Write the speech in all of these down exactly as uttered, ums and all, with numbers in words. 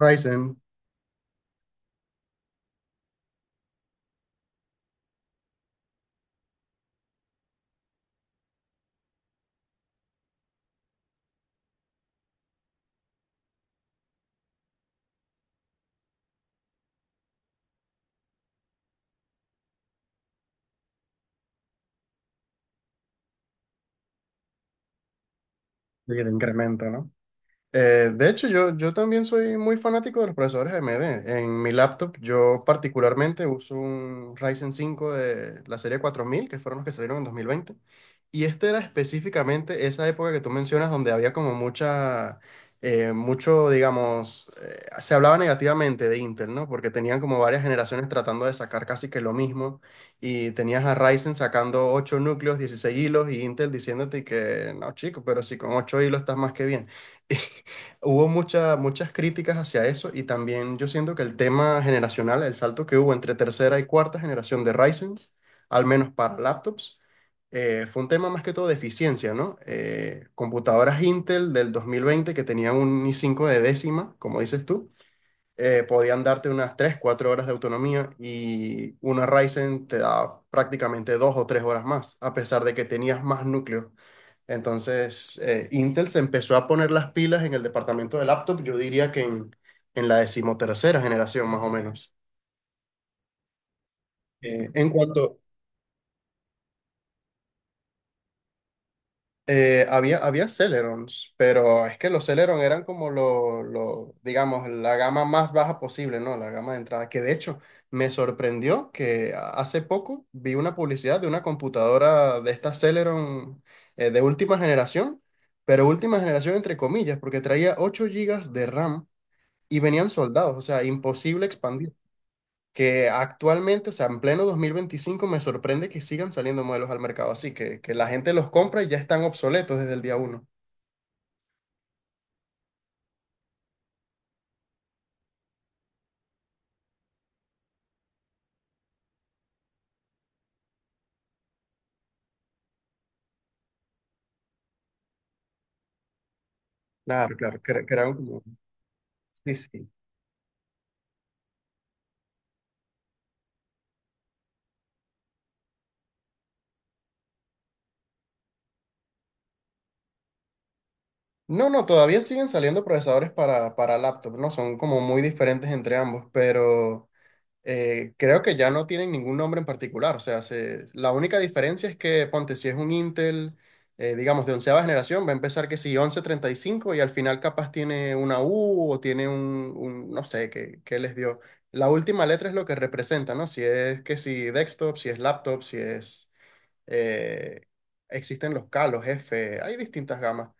Ryzen, el incremento, ¿no? Eh, de hecho, yo, yo también soy muy fanático de los procesadores A M D. En mi laptop, yo particularmente uso un Ryzen cinco de la serie cuatro mil que fueron los que salieron en dos mil veinte. Y este era específicamente esa época que tú mencionas, donde había como mucha, eh, mucho, digamos, eh, se hablaba negativamente de Intel, ¿no? Porque tenían como varias generaciones tratando de sacar casi que lo mismo. Y tenías a Ryzen sacando ocho núcleos, dieciséis hilos, y Intel diciéndote que, no, chico, pero si con ocho hilos estás más que bien. Hubo mucha- muchas críticas hacia eso y también yo siento que el tema generacional, el salto que hubo entre tercera y cuarta generación de Ryzen, al menos para laptops, eh, fue un tema más que todo de eficiencia, ¿no? Eh, computadoras Intel del dos mil veinte que tenían un i cinco de décima, como dices tú, eh, podían darte unas tres cuatro horas de autonomía y una Ryzen te da prácticamente dos o tres horas más, a pesar de que tenías más núcleos. Entonces, eh, Intel se empezó a poner las pilas en el departamento de laptop, yo diría que en, en la decimotercera generación más o menos. Eh, en cuanto, eh, había, había Celerons, pero es que los Celeron eran como lo, lo, digamos, la gama más baja posible, ¿no? La gama de entrada, que de hecho me sorprendió que a- hace poco vi una publicidad de una computadora de esta Celeron eh, de última generación, pero última generación entre comillas, porque traía ocho gigas de RAM y venían soldados, o sea, imposible expandir. Que actualmente, o sea, en pleno dos mil veinticinco me sorprende que sigan saliendo modelos al mercado así, que, que la gente los compra y ya están obsoletos desde el día uno. Claro, claro, cre- crearon como... Sí, sí. No, no, todavía siguen saliendo procesadores para, para laptop, ¿no? Son como muy diferentes entre ambos, pero... eh, creo que ya no tienen ningún nombre en particular. O sea, se- la única diferencia es que, ponte, si es un Intel, eh, digamos, de onceava generación, va a empezar que si once treinta y cinco y cinco y al final capaz tiene una U o tiene un, un- no sé, qué, qué les dio. La última letra es lo que representa, ¿no? Si es que si desktop, si es laptop, si es... eh, existen los K, los F, hay distintas gamas.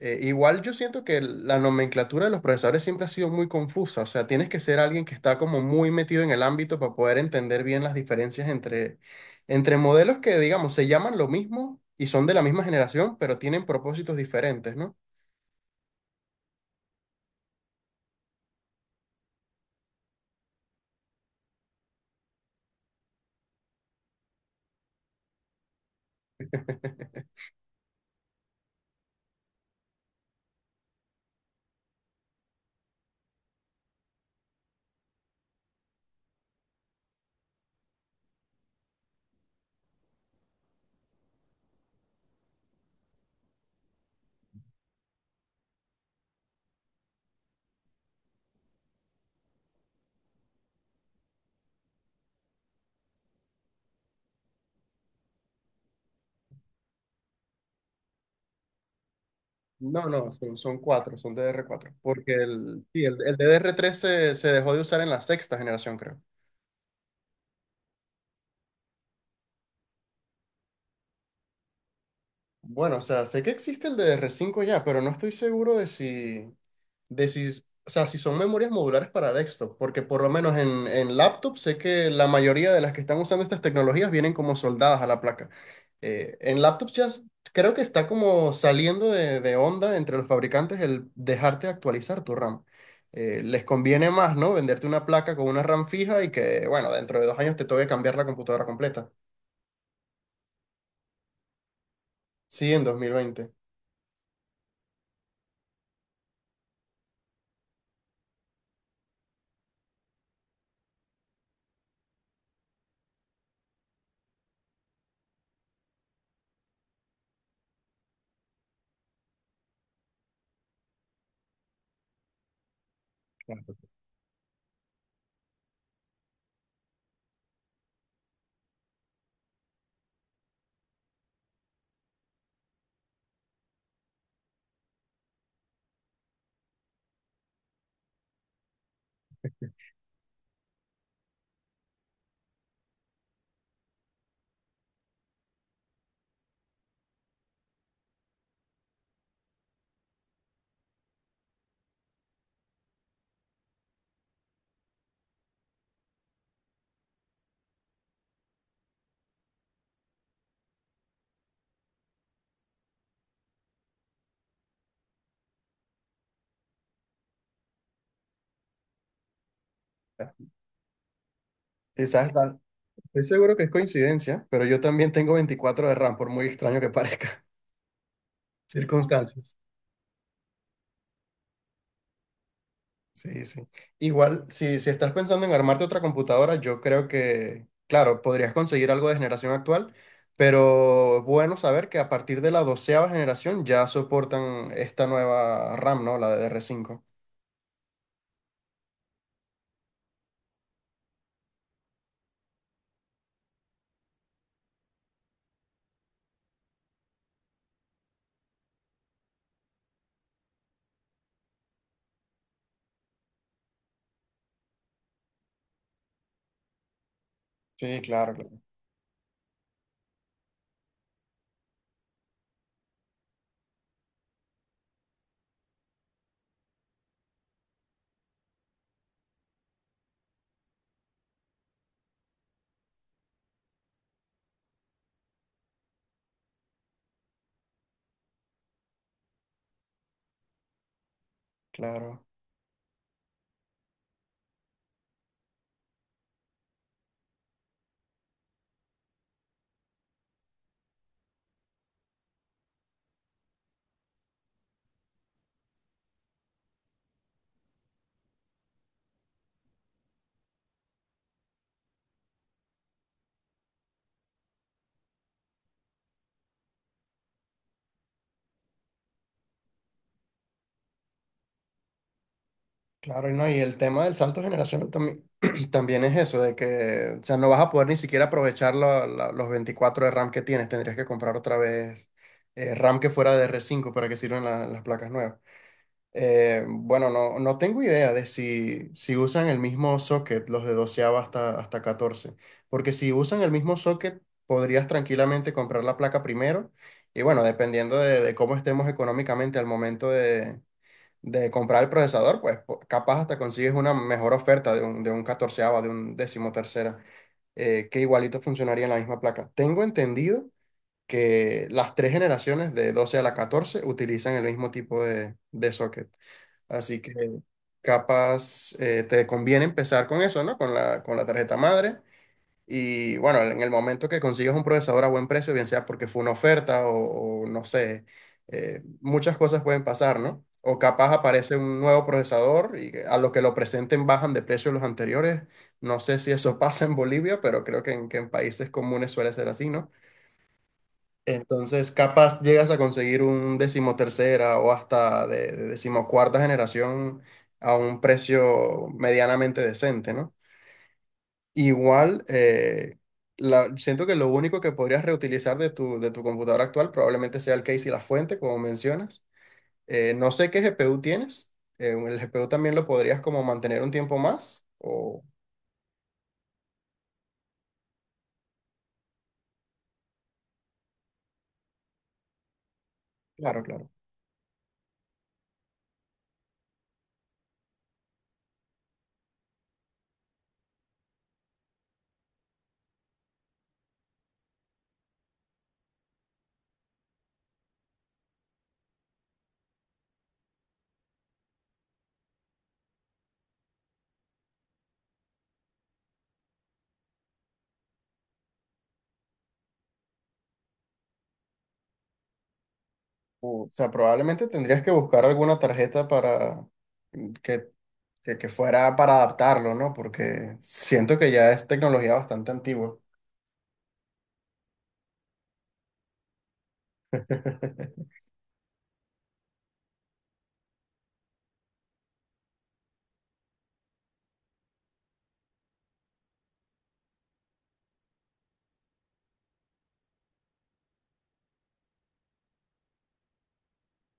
Eh, igual yo siento que la nomenclatura de los procesadores siempre ha sido muy confusa, o sea, tienes que ser alguien que está como muy metido en el ámbito para poder entender bien las diferencias entre, entre modelos que, digamos, se llaman lo mismo y son de la misma generación, pero tienen propósitos diferentes, ¿no? No, no, son, son cuatro, son D D R cuatro, porque el, sí, el, el D D R tres se, se dejó de usar en la sexta generación, creo. Bueno, o sea, sé que existe el D D R cinco ya, pero no estoy seguro de si... de si, o sea, si son memorias modulares para desktop, porque por lo menos en, en laptop sé que la mayoría de las que están usando estas tecnologías vienen como soldadas a la placa. Eh, en laptops ya s- creo que está como saliendo de, de onda entre los fabricantes el dejarte actualizar tu RAM. Eh, les conviene más, ¿no? Venderte una placa con una RAM fija y que, bueno, dentro de dos años te toque cambiar la computadora completa. Sí, en dos mil veinte. Claro. Quizás, estoy seguro que es coincidencia, pero yo también tengo veinticuatro de RAM, por muy extraño que parezca. Circunstancias. Sí, sí. Igual, si, si estás pensando en armarte otra computadora, yo creo que, claro, podrías conseguir algo de generación actual, pero es bueno saber que a partir de la doceava generación ya soportan esta nueva RAM, ¿no? La de D r cinco. Sí, claro, claro, claro, claro, y no, y el tema del salto generacional también, también es eso, de que, o sea, no vas a poder ni siquiera aprovechar la- la- los veinticuatro de RAM que tienes, tendrías que comprar otra vez eh, RAM que fuera de D r cinco para que sirvan la- las placas nuevas. Eh, bueno, no, no tengo idea de si, si usan el mismo socket, los de doce hasta, hasta catorce, porque si usan el mismo socket, podrías tranquilamente comprar la placa primero y bueno, dependiendo de, de cómo estemos económicamente al momento de, de comprar el procesador, pues po- capaz hasta consigues una mejor oferta de un, de un catorce de un decimotercera, eh, que igualito funcionaría en la misma placa. Tengo entendido que las tres generaciones de doce a la catorce utilizan el mismo tipo de, de socket. Así que capaz eh, te conviene empezar con eso, ¿no? Con la, con la tarjeta madre. Y bueno, en el momento que consigas un procesador a buen precio, bien sea porque fue una oferta o, o no sé, eh, muchas cosas pueden pasar, ¿no? O capaz aparece un nuevo procesador y a los que lo presenten bajan de precio los anteriores. No sé si eso pasa en Bolivia, pero creo que en, que en países comunes suele ser así, ¿no? Entonces, capaz llegas a conseguir un decimotercera o hasta de, de decimocuarta generación a un precio medianamente decente, ¿no? Igual, eh, la- siento que lo único que podrías reutilizar de tu, de tu computadora actual probablemente sea el case y la fuente, como mencionas. Eh, no sé qué G P U tienes. Eh, el G P U también lo podrías como mantener un tiempo más. O, claro, claro. O sea, probablemente tendrías que buscar alguna tarjeta para que que, que fuera para adaptarlo, ¿no? Porque siento que ya es tecnología bastante antigua.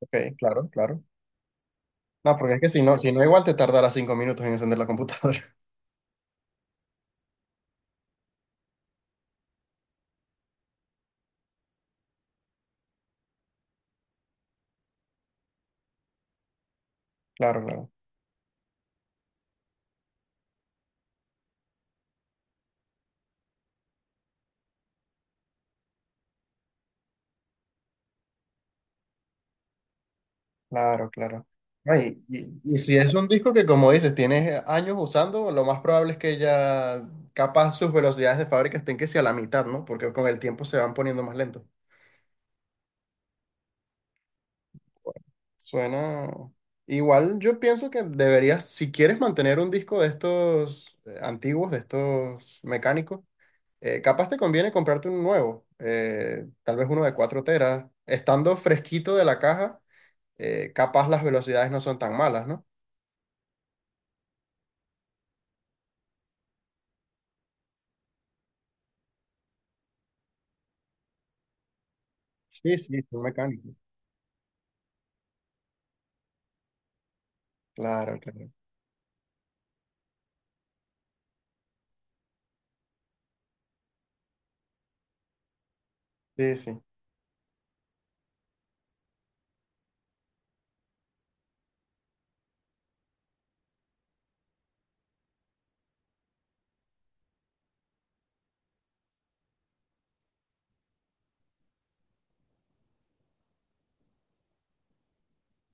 Ok, claro, claro. No, porque es que si no, si no igual te tardará cinco minutos en encender la computadora. Claro, claro, claro, claro. No, y, y- y si es un disco que, como dices, tienes años usando, lo más probable es que ya capaz sus velocidades de fábrica estén que sea a la mitad, ¿no? Porque con el tiempo se van poniendo más lentos. Suena. Igual yo pienso que deberías, si quieres mantener un disco de estos eh, antiguos, de estos mecánicos, eh, capaz te conviene comprarte un nuevo, eh, tal vez uno de cuatro teras. Estando fresquito de la caja, eh, capaz las velocidades no son tan malas, ¿no? Sí, sí, son mecánicos. Claro, claro. Sí, sí.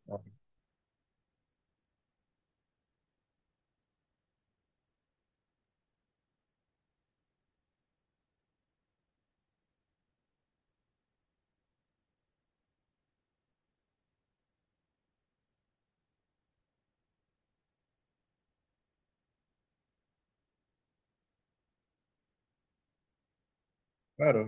Ah, claro.